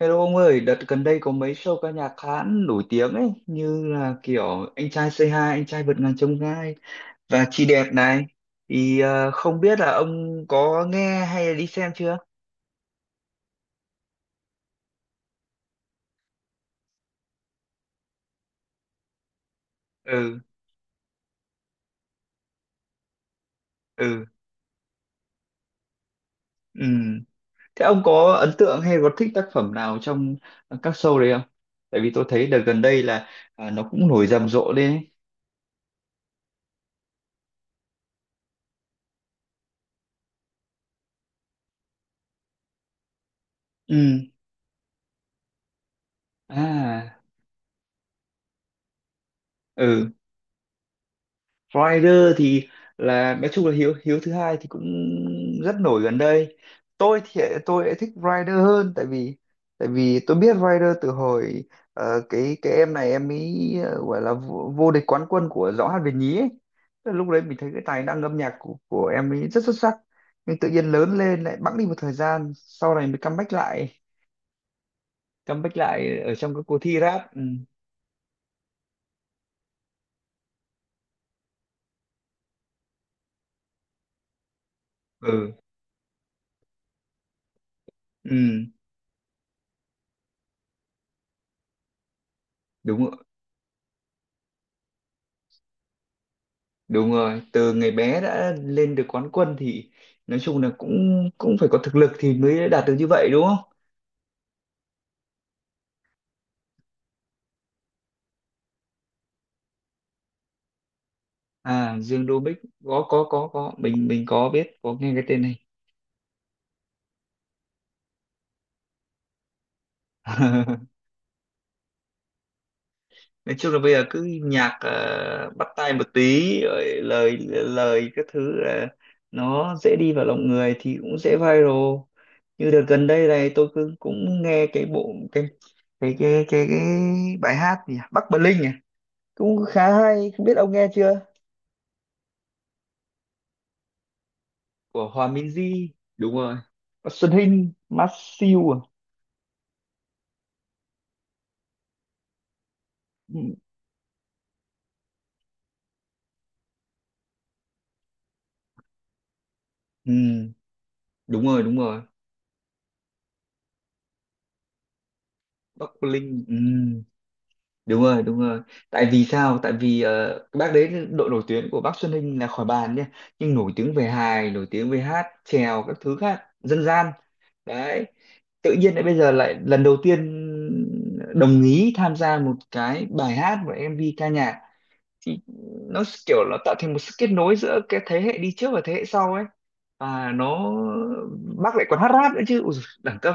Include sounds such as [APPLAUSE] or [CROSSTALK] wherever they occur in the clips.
Hello ông ơi, đợt gần đây có mấy show ca nhạc khá nổi tiếng ấy, như là kiểu Anh trai Say Hi, Anh trai vượt ngàn chông gai và Chị đẹp này. Thì không biết là ông có nghe hay là đi xem chưa? Ừ, ừ, ừ. Thế ông có ấn tượng hay có thích tác phẩm nào trong các show đấy không? Tại vì tôi thấy đợt gần đây là nó cũng nổi rầm rộ lên ấy. Ừ, à, ừ. Rider thì là nói chung là Hiếu Hiếu thứ hai thì cũng rất nổi gần đây. Tôi thì tôi lại thích Rider hơn, tại vì tôi biết Rider từ hồi cái em này, em ấy gọi là vô địch quán quân của Giọng hát Việt nhí ấy. Tức là lúc đấy mình thấy cái tài năng âm nhạc của em ấy rất xuất sắc, nhưng tự nhiên lớn lên lại bẵng đi một thời gian, sau này mới comeback lại ở trong các cuộc thi rap. Ừ, ừ, ừ. đúng Đúng rồi, từ ngày bé đã lên được quán quân thì nói chung là cũng cũng phải có thực lực thì mới đạt được như vậy, đúng không? À, Dương Đô Bích, có, mình có biết, có nghe cái tên này. [LAUGHS] Nói chung là bây giờ cứ nhạc bắt tai một tí rồi lời lời các thứ là nó dễ đi vào lòng người, thì cũng dễ viral. Như đợt gần đây này tôi cứ cũng nghe cái bộ cái bài hát gì nhỉ? Bắc Bling à, cũng khá hay, không biết ông nghe chưa? Của Hòa Minzy, đúng rồi. Bác Xuân Hinh. Mát siêu à. Ừ, ừ, đúng rồi, đúng rồi. Bắc Linh. Ừ, đúng rồi, đúng rồi. Tại vì sao? Tại vì cái bác đấy, độ nổi tiếng của bác Xuân Hinh là khỏi bàn nhé. Nhưng nổi tiếng về hài, nổi tiếng về hát chèo, các thứ khác dân gian. Đấy, tự nhiên lại bây giờ lại lần đầu tiên đồng ý tham gia một cái bài hát và MV ca nhạc, thì nó kiểu nó tạo thành một sự kết nối giữa cái thế hệ đi trước và thế hệ sau ấy. Và nó, bác lại còn hát rap nữa chứ. Ui, dồi, đẳng cấp.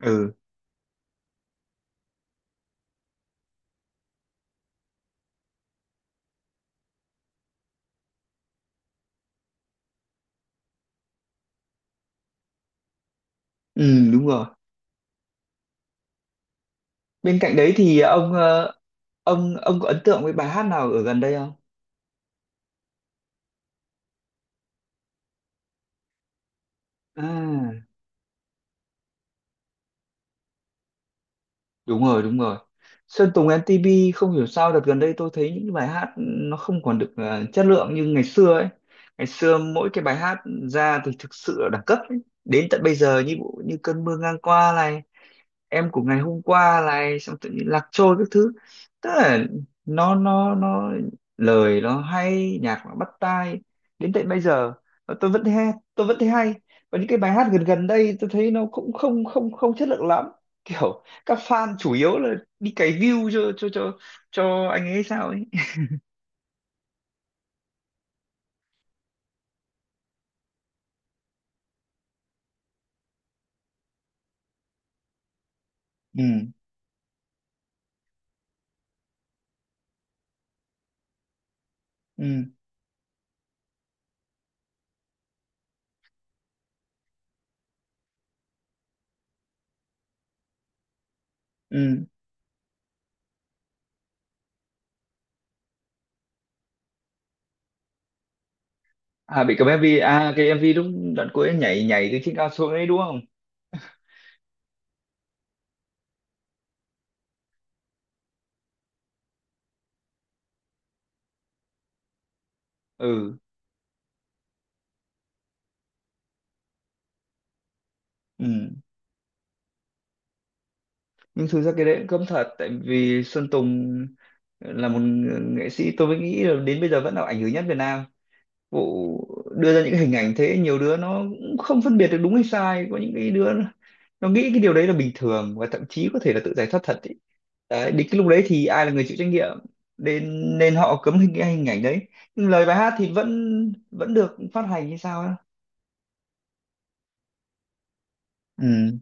Ừ, ừ, đúng rồi. Bên cạnh đấy thì ông ờ, ông có ấn tượng với bài hát nào ở gần đây không? À, đúng rồi, đúng rồi. Sơn Tùng MTP, không hiểu sao đợt gần đây tôi thấy những bài hát nó không còn được chất lượng như ngày xưa ấy. Ngày xưa mỗi cái bài hát ra thì thực sự là đẳng cấp ấy. Đến tận bây giờ như như cơn mưa ngang qua này, em của ngày hôm qua này, xong tự nhiên lạc trôi các thứ, tức là nó lời nó hay, nhạc nó bắt tai, đến tận bây giờ mà tôi vẫn thấy hay, tôi vẫn thấy hay. Và những cái bài hát gần gần đây tôi thấy nó cũng không không không chất lượng lắm, kiểu các fan chủ yếu là đi cày view cho anh ấy sao ấy. Ừ, ừ, ừ. À, bị cầm MV à? Cái MV lúc đoạn cuối nhảy nhảy từ trên cao xuống ấy, đúng không? Ừ, ừ. Nhưng thực ra cái đấy cũng cấm thật, tại vì Sơn Tùng là một nghệ sĩ, tôi mới nghĩ là đến bây giờ vẫn là ảnh hưởng nhất Việt Nam, vụ đưa ra những hình ảnh thế, nhiều đứa nó cũng không phân biệt được đúng hay sai. Có những cái đứa nó nghĩ cái điều đấy là bình thường, và thậm chí có thể là tự giải thoát thật ấy. Đấy, đến cái lúc đấy thì ai là người chịu trách nhiệm? Nên nên họ cấm cái hình ảnh đấy, nhưng lời bài hát thì vẫn vẫn được phát hành như sao á. Ừ.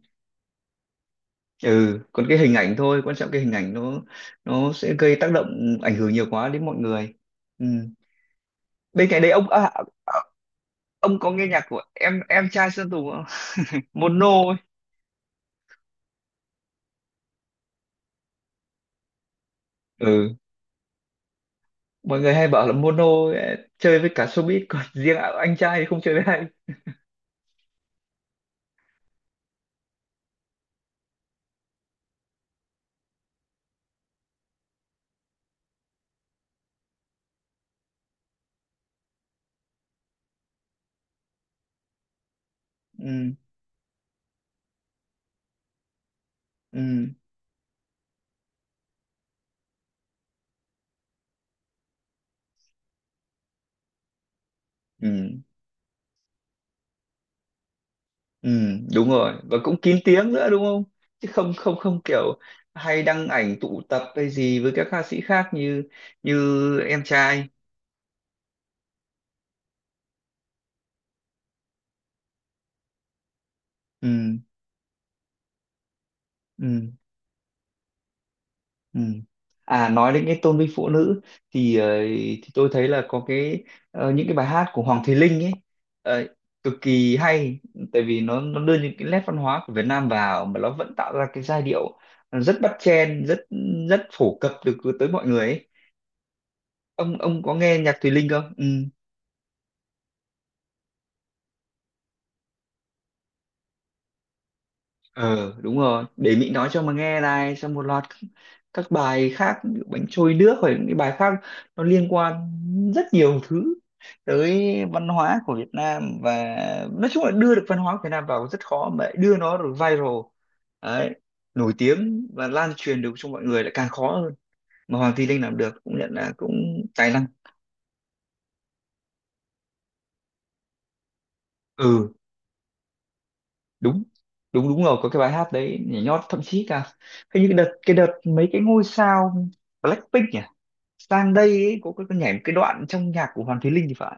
Ừ, còn cái hình ảnh thôi, quan trọng cái hình ảnh nó sẽ gây tác động ảnh hưởng nhiều quá đến mọi người. Ừ. Bên cạnh đấy, à, ông có nghe nhạc của em trai Sơn Tùng không? [LAUGHS] Mono ấy. Ừ. Mọi người hay bảo là mono ấy chơi với cả showbiz, còn [LAUGHS] riêng anh trai thì không chơi với ai. Ừ, ừ, ừ, ừ. Đúng rồi, và cũng kín tiếng nữa, đúng không? Chứ không không không kiểu hay đăng ảnh tụ tập hay gì với các ca sĩ khác, như như em trai. Ừ, ừ. Ừ. À, nói đến cái tôn vinh phụ nữ thì thì tôi thấy là có những cái bài hát của Hoàng Thùy Linh ấy ờ, cực kỳ hay. Tại vì nó đưa những cái nét văn hóa của Việt Nam vào, mà nó vẫn tạo ra cái giai điệu rất bắt chen, rất rất phổ cập được tới mọi người ấy. Ông có nghe nhạc Thùy Linh không? Ừ. Ờ, đúng rồi, để Mỹ nói cho mà nghe này, xong một loạt các bài khác, ví dụ bánh trôi nước, hoặc những cái bài khác, nó liên quan rất nhiều thứ tới văn hóa của Việt Nam. Và nói chung là đưa được văn hóa của Việt Nam vào rất khó, mà lại đưa nó được viral, đấy, nổi tiếng và lan truyền được cho mọi người lại càng khó hơn, mà Hoàng Thùy Linh làm được cũng nhận là cũng tài năng. Ừ. Đúng, đúng, đúng rồi, có cái bài hát đấy nhảy nhót, thậm chí cả hình như cái đợt, mấy cái ngôi sao Blackpink nhỉ, sang đây ấy, cô nhảy một cái đoạn trong nhạc của Hoàng Thùy Linh thì phải.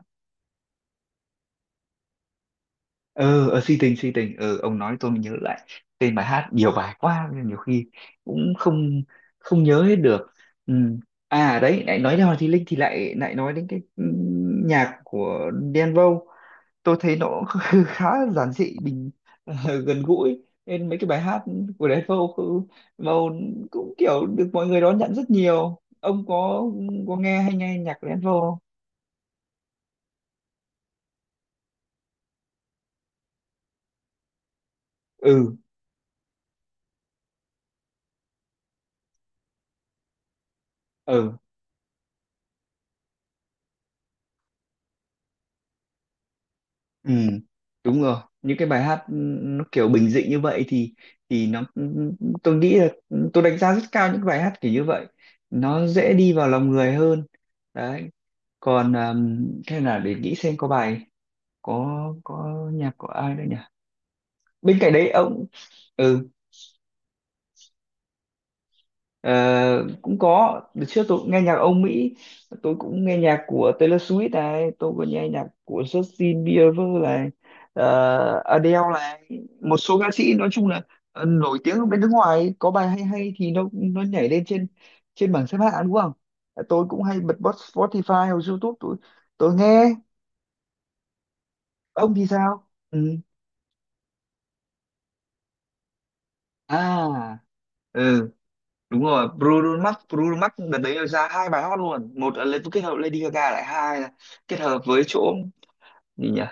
Ờ, ờ, si tình, si tình. Ờ ông nói tôi mới nhớ lại tên bài hát, nhiều bài quá nên nhiều khi cũng không không nhớ hết được. Ừ. À, đấy, lại nói đến Hoàng Thùy Linh thì lại lại nói đến cái, nhạc của Đen Vâu. Tôi thấy nó [LAUGHS] khá giản dị, ờ, gần gũi, nên mấy cái bài hát của Đen Vâu Vâu cũng kiểu được mọi người đón nhận rất nhiều. Ông có nghe hay nghe nhạc của Đen Vâu không? Ừ, ừ. Ừ, đúng rồi. Những cái bài hát, nó kiểu bình dị như vậy thì nó, tôi nghĩ là, tôi đánh giá rất cao những bài hát kiểu như vậy. Nó dễ đi vào lòng người hơn. Đấy. Còn thế là để nghĩ xem có bài có nhạc của ai đây nhỉ? Bên cạnh đấy ông. Ừ. Ờ, cũng có đợt trước tôi cũng nghe nhạc Âu Mỹ, tôi cũng nghe nhạc của Taylor Swift này, tôi cũng nghe nhạc của Justin Bieber này, Adele này, một số ca sĩ nói chung là nổi tiếng ở bên nước ngoài, có bài hay hay thì nó nhảy lên trên trên bảng xếp hạng, đúng không? Ờ, tôi cũng hay bật bot Spotify hoặc YouTube, tôi nghe. Ông thì sao? Ừ. À, ừ, đúng rồi, Bruno Mars, Bruno Mars đợt đấy ra hai bài hot luôn, một là lên kết hợp Lady Gaga lại, hai là kết hợp với chỗ gì nhỉ,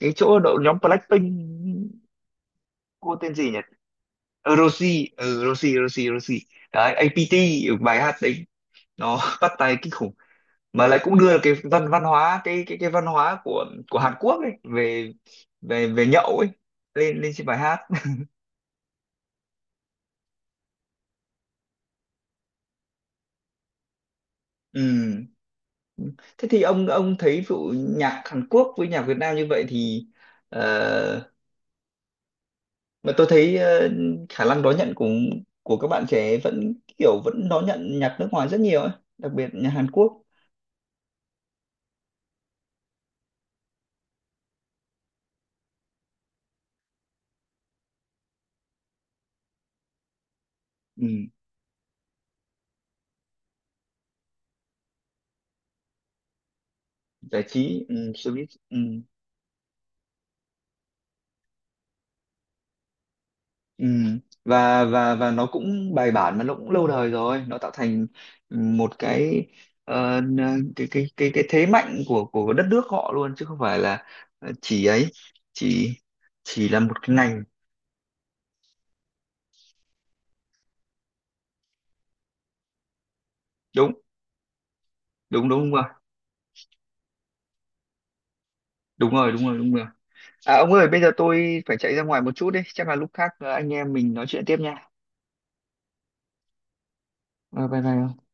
cái chỗ đội nhóm Blackpink, cô tên gì nhỉ? Ờ, Rosie. Ừ, Rosie, Rosie, Rosie, đấy, APT. Ở bài hát đấy nó [LAUGHS] bắt tai kinh khủng, mà lại cũng đưa cái văn văn hóa, cái văn hóa của Hàn Quốc ấy, về, về nhậu ấy, lên lên trên bài hát. [LAUGHS] Ừ. Thế thì ông thấy vụ nhạc Hàn Quốc với nhạc Việt Nam như vậy thì ờ, mà tôi thấy khả năng đón nhận của các bạn trẻ vẫn đón nhận nhạc nước ngoài rất nhiều ấy, đặc biệt nhạc Hàn Quốc. Ừ, giải trí, ừ, showbiz, ừ, ừ. Và nó cũng bài bản, mà nó cũng lâu đời rồi, nó tạo thành một cái ờ, n- cái thế mạnh của đất nước họ luôn, chứ không phải là chỉ ấy chỉ chỉ là một cái ngành. Đúng, đúng, đúng rồi, đúng rồi, đúng rồi, đúng rồi. À, ông ơi, bây giờ tôi phải chạy ra ngoài một chút đấy. Chắc là lúc khác anh em mình nói chuyện tiếp nha. Ờ, bye bye ông.